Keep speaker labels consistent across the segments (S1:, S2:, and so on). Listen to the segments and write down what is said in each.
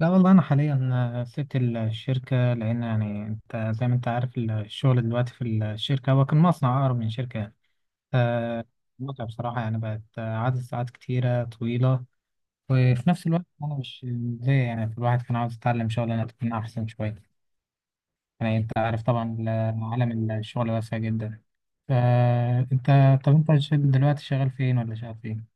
S1: لا، والله أنا حاليا سبت الشركة، لأن يعني أنت زي ما أنت عارف الشغل دلوقتي في الشركة، هو كان مصنع أقرب من شركة يعني متعب بصراحة. يعني بقت عدد ساعات كتيرة طويلة، وفي نفس الوقت أنا مش زي يعني الواحد كان عاوز يتعلم شغلانة تكون أحسن شوية. يعني أنت عارف طبعا، عالم الشغل واسع جدا. فأنت طب أنت دلوقتي شغال فين ولا شغال فين؟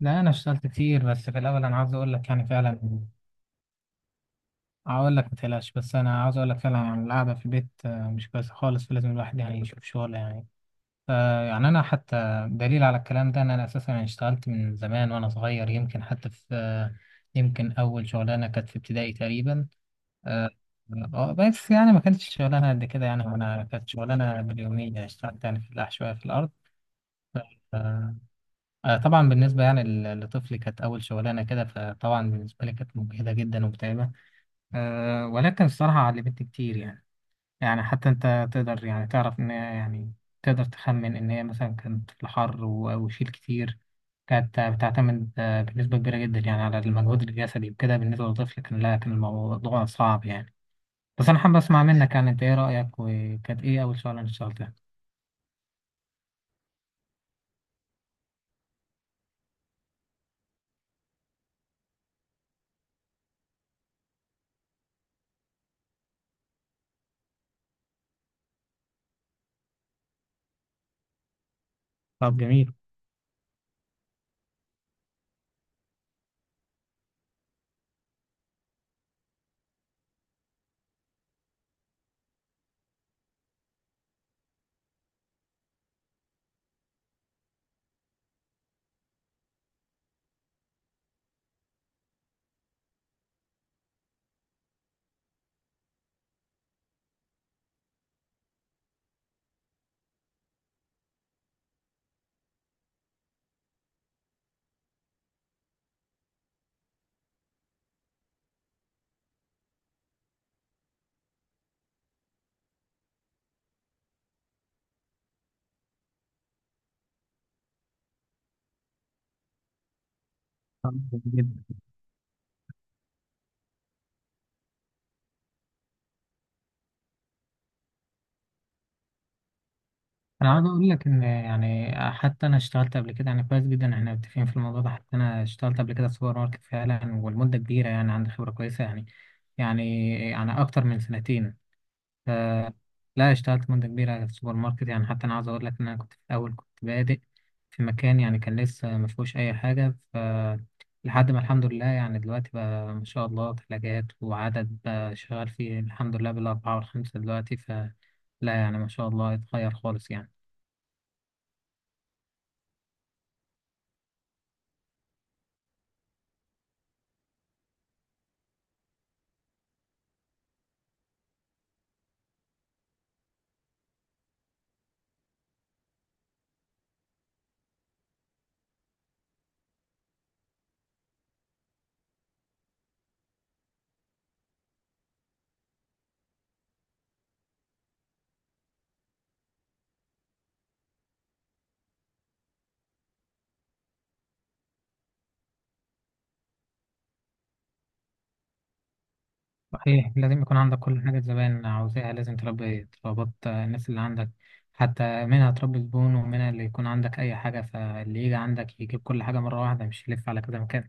S1: لا، أنا اشتغلت كتير، بس في الأول أنا عاوز أقول لك يعني فعلا هقول لك ما تقلقش. بس انا عاوز اقول لك فعلا يعني القعده في البيت مش كويسه خالص، فلازم الواحد يعني يشوف شغل يعني. ف- يعني انا حتى دليل على الكلام ده ان انا اساسا يعني اشتغلت من زمان وانا صغير، يمكن حتى في يمكن اول شغلانه كانت في ابتدائي تقريبا. آه، بس يعني ما كانتش شغلانه قد كده. يعني انا كانت شغلانه باليوميه، اشتغلت يعني في الفلاح شويه في الارض. آه، طبعا بالنسبه يعني لطفلي كانت اول شغلانه كده، فطبعا بالنسبه لي كانت مجهده جدا ومتعبه. ولكن الصراحه علمتني كتير يعني. يعني حتى انت تقدر يعني تعرف ان هي يعني تقدر تخمن ان هي مثلا كانت في الحر وشيل كتير. كانت بتعتمد بنسبة كبيرة جدا يعني على المجهود الجسدي وكده. بالنسبة للطفل كان لا، كان الموضوع صعب يعني. بس انا حابب اسمع منك يعني انت ايه رأيك، وكانت ايه اول شغلة انت اشتغلتها؟ طب جميل. طب جميل جدا. انا عاوز اقول لك ان يعني حتى انا اشتغلت قبل كده يعني كويس جدا، احنا متفقين في الموضوع ده. حتى انا اشتغلت قبل كده في سوبر ماركت فعلا، والمدة كبيرة يعني، عندي خبرة كويسة يعني اكتر من سنتين. ف- لا، اشتغلت مدة كبيرة في السوبر ماركت. يعني حتى أنا عاوز أقول لك إن أنا كنت في الأول كنت بادئ في مكان يعني كان لسه ما فيهوش أي حاجة. لحد ما الحمد لله يعني دلوقتي بقى ما شاء الله ثلاجات وعدد بقى شغال فيه الحمد لله بالأربعة والخمسة دلوقتي. لا يعني ما شاء الله اتغير خالص يعني. صحيح، لازم يكون عندك كل حاجة الزبائن عاوزاها، لازم تربط الناس اللي عندك، حتى منها تربي زبون، ومنها اللي يكون عندك أي حاجة، فاللي يجي عندك يجيب كل حاجة مرة واحدة، مش يلف على كذا مكان.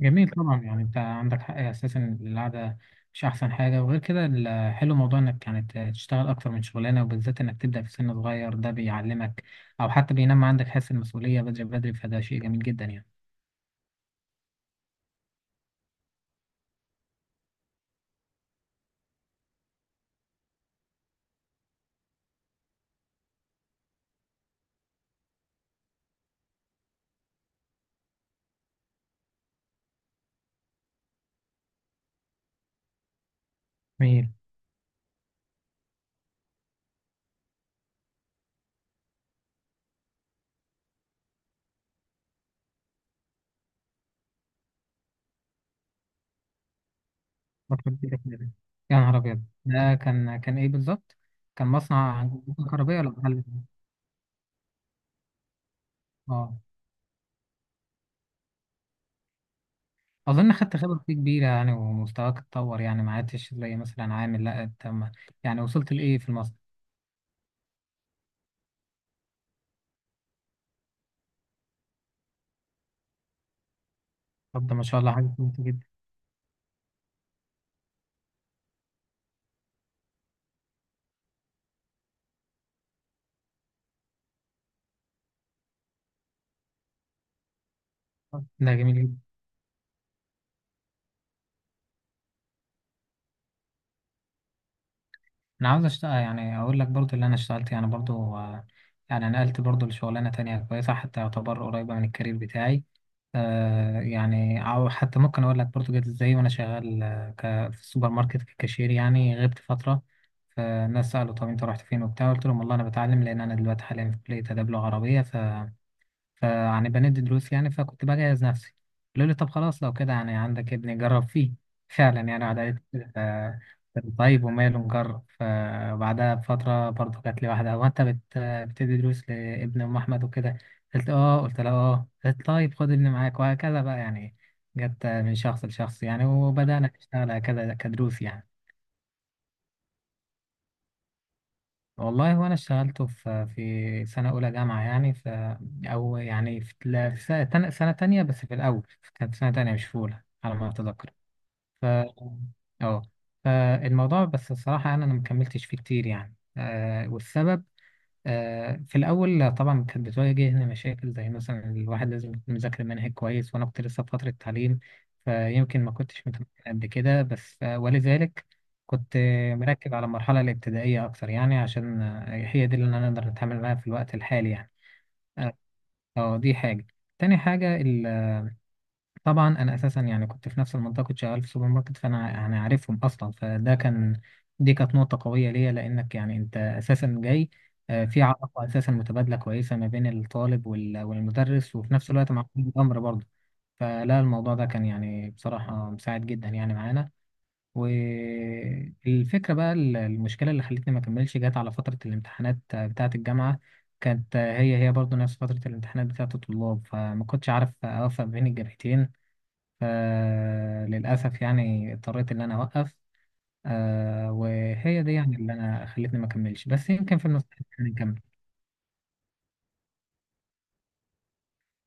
S1: جميل. طبعا يعني انت عندك حق اساسا إن القعده مش احسن حاجه. وغير كده الحلو موضوع انك يعني تشتغل اكتر من شغلانه، وبالذات انك تبدا في سن صغير. ده بيعلمك او حتى بينمى عندك حس المسؤوليه بدري بدري، فده شيء جميل جدا يعني. جميل. فتره كبيره كده! يا نهار ابيض! ده كان ايه بالظبط؟ كان مصنع كهربائي ولا محل؟ اه، اظن خدت خبره فيه كبيره يعني، ومستواك اتطور يعني ما عدتش زي مثلا عامل، لا انت يعني وصلت لايه في المصنع؟ طب ده ما شاء الله حاجه كويسه جدا. ده جميل جدا. انا عاوز اشتغل، يعني اقول لك برضو اللي انا اشتغلت يعني برضو، يعني نقلت برضو لشغلانه تانية كويسه، حتى يعتبر قريبه من الكارير بتاعي. يعني او حتى ممكن اقول لك برضو جت ازاي، وانا شغال في السوبر ماركت ككاشير، يعني غبت فتره. فالناس سالوا طب انت رحت فين وبتاع، قلت لهم والله انا بتعلم لان انا دلوقتي حاليا في كليه اداب لغه عربيه، فهنبقى ندي دروس يعني، فكنت بجهز نفسي. قالوا لي طب خلاص لو كده يعني عندك ابني جرب فيه. فعلا يعني قعد قالت لي، طيب وماله نجرب. فبعدها بفترة برضه جات لي واحدة، هو أنت بتدي دروس لابن أم أحمد وكده؟ قلت لها آه، قالت طيب خد ابني معاك، وهكذا بقى يعني، جت من شخص لشخص يعني، وبدأنا نشتغل هكذا كدروس يعني. والله هو انا اشتغلته في سنه اولى جامعه يعني. او يعني في لا، في سنه تانية. بس في الاول كانت سنه تانية مش في اولى على ما اتذكر. ف اه فالموضوع، بس الصراحه أنا ما كملتش فيه كتير يعني. والسبب في الأول طبعا كانت بتواجهني مشاكل زي مثلا الواحد لازم يكون مذاكر منهج كويس، وأنا كنت لسه في فترة تعليم. فيمكن ما كنتش متمكن قد كده، بس ولذلك كنت مركز على المرحلة الابتدائية أكتر، يعني عشان هي دي اللي أنا أقدر أتعامل معاها في الوقت الحالي يعني. آه، دي حاجة. تاني حاجة، طبعا انا اساسا يعني كنت في نفس المنطقه، كنت شغال في سوبر ماركت، فانا يعني عارفهم اصلا، فده كان. دي كانت نقطه قويه ليا، لانك يعني انت اساسا جاي في علاقه اساسا متبادله كويسه ما بين الطالب والمدرس، وفي نفس الوقت مع ولي الامر برضه. فلا الموضوع ده كان يعني بصراحه مساعد جدا يعني معانا. والفكره بقى المشكله اللي خلتني ما اكملش جت على فتره الامتحانات بتاعه الجامعه. كانت هي هي برضه نفس فتره الامتحانات بتاعه الطلاب، فما كنتش عارف اوفق بين الجامعتين. فللأسف يعني اضطريت إن أنا أوقف. وهي دي يعني اللي أنا خلتني ما أكملش، بس يمكن في المستقبل يعني نكمل.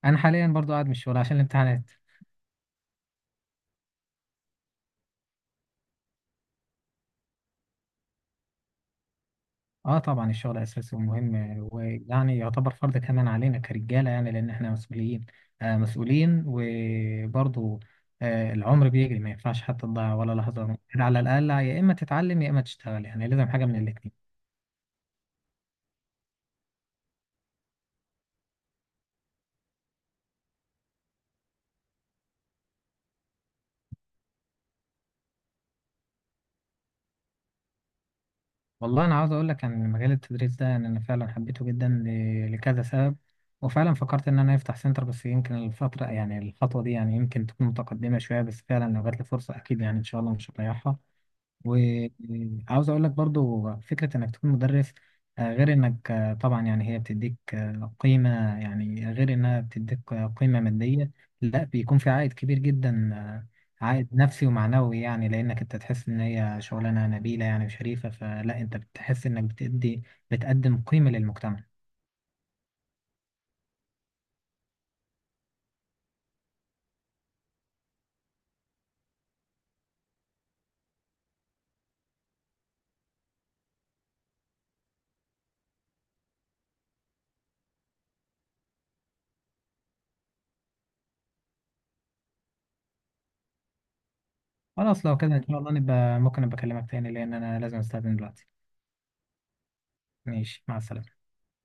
S1: أنا حاليا برضو قاعد من الشغل عشان الامتحانات. أه، طبعا الشغل أساسي ومهم، ويعني يعتبر فرض كمان علينا كرجالة، يعني لأن إحنا مسؤولين وبرضو العمر بيجري، ما ينفعش حتى تضيع ولا لحظة. على الأقل يا إما تتعلم يا إما تشتغل، يعني لازم حاجة من الاتنين. والله انا عاوز اقول لك ان مجال التدريس ده يعني انا فعلا حبيته جدا لكذا سبب، وفعلا فكرت ان انا افتح سنتر. بس يمكن الفتره يعني الخطوه دي يعني يمكن تكون متقدمه شويه، بس فعلا لو جات لي فرصه اكيد يعني ان شاء الله مش هضيعها. وعاوز اقول لك برضو فكرة انك تكون مدرس، غير انك طبعا يعني هي بتديك قيمة، يعني غير انها بتديك قيمة مادية. لا، بيكون في عائد كبير جدا عائد نفسي ومعنوي يعني، لانك انت تحس ان هي شغلانة نبيلة يعني وشريفة. فلا انت بتحس انك بتقدم قيمة للمجتمع. خلاص، لو كده ان شاء الله ممكن ابقى اكلمك تاني، لان انا لازم استأذن دلوقتي. ماشي، مع السلامة.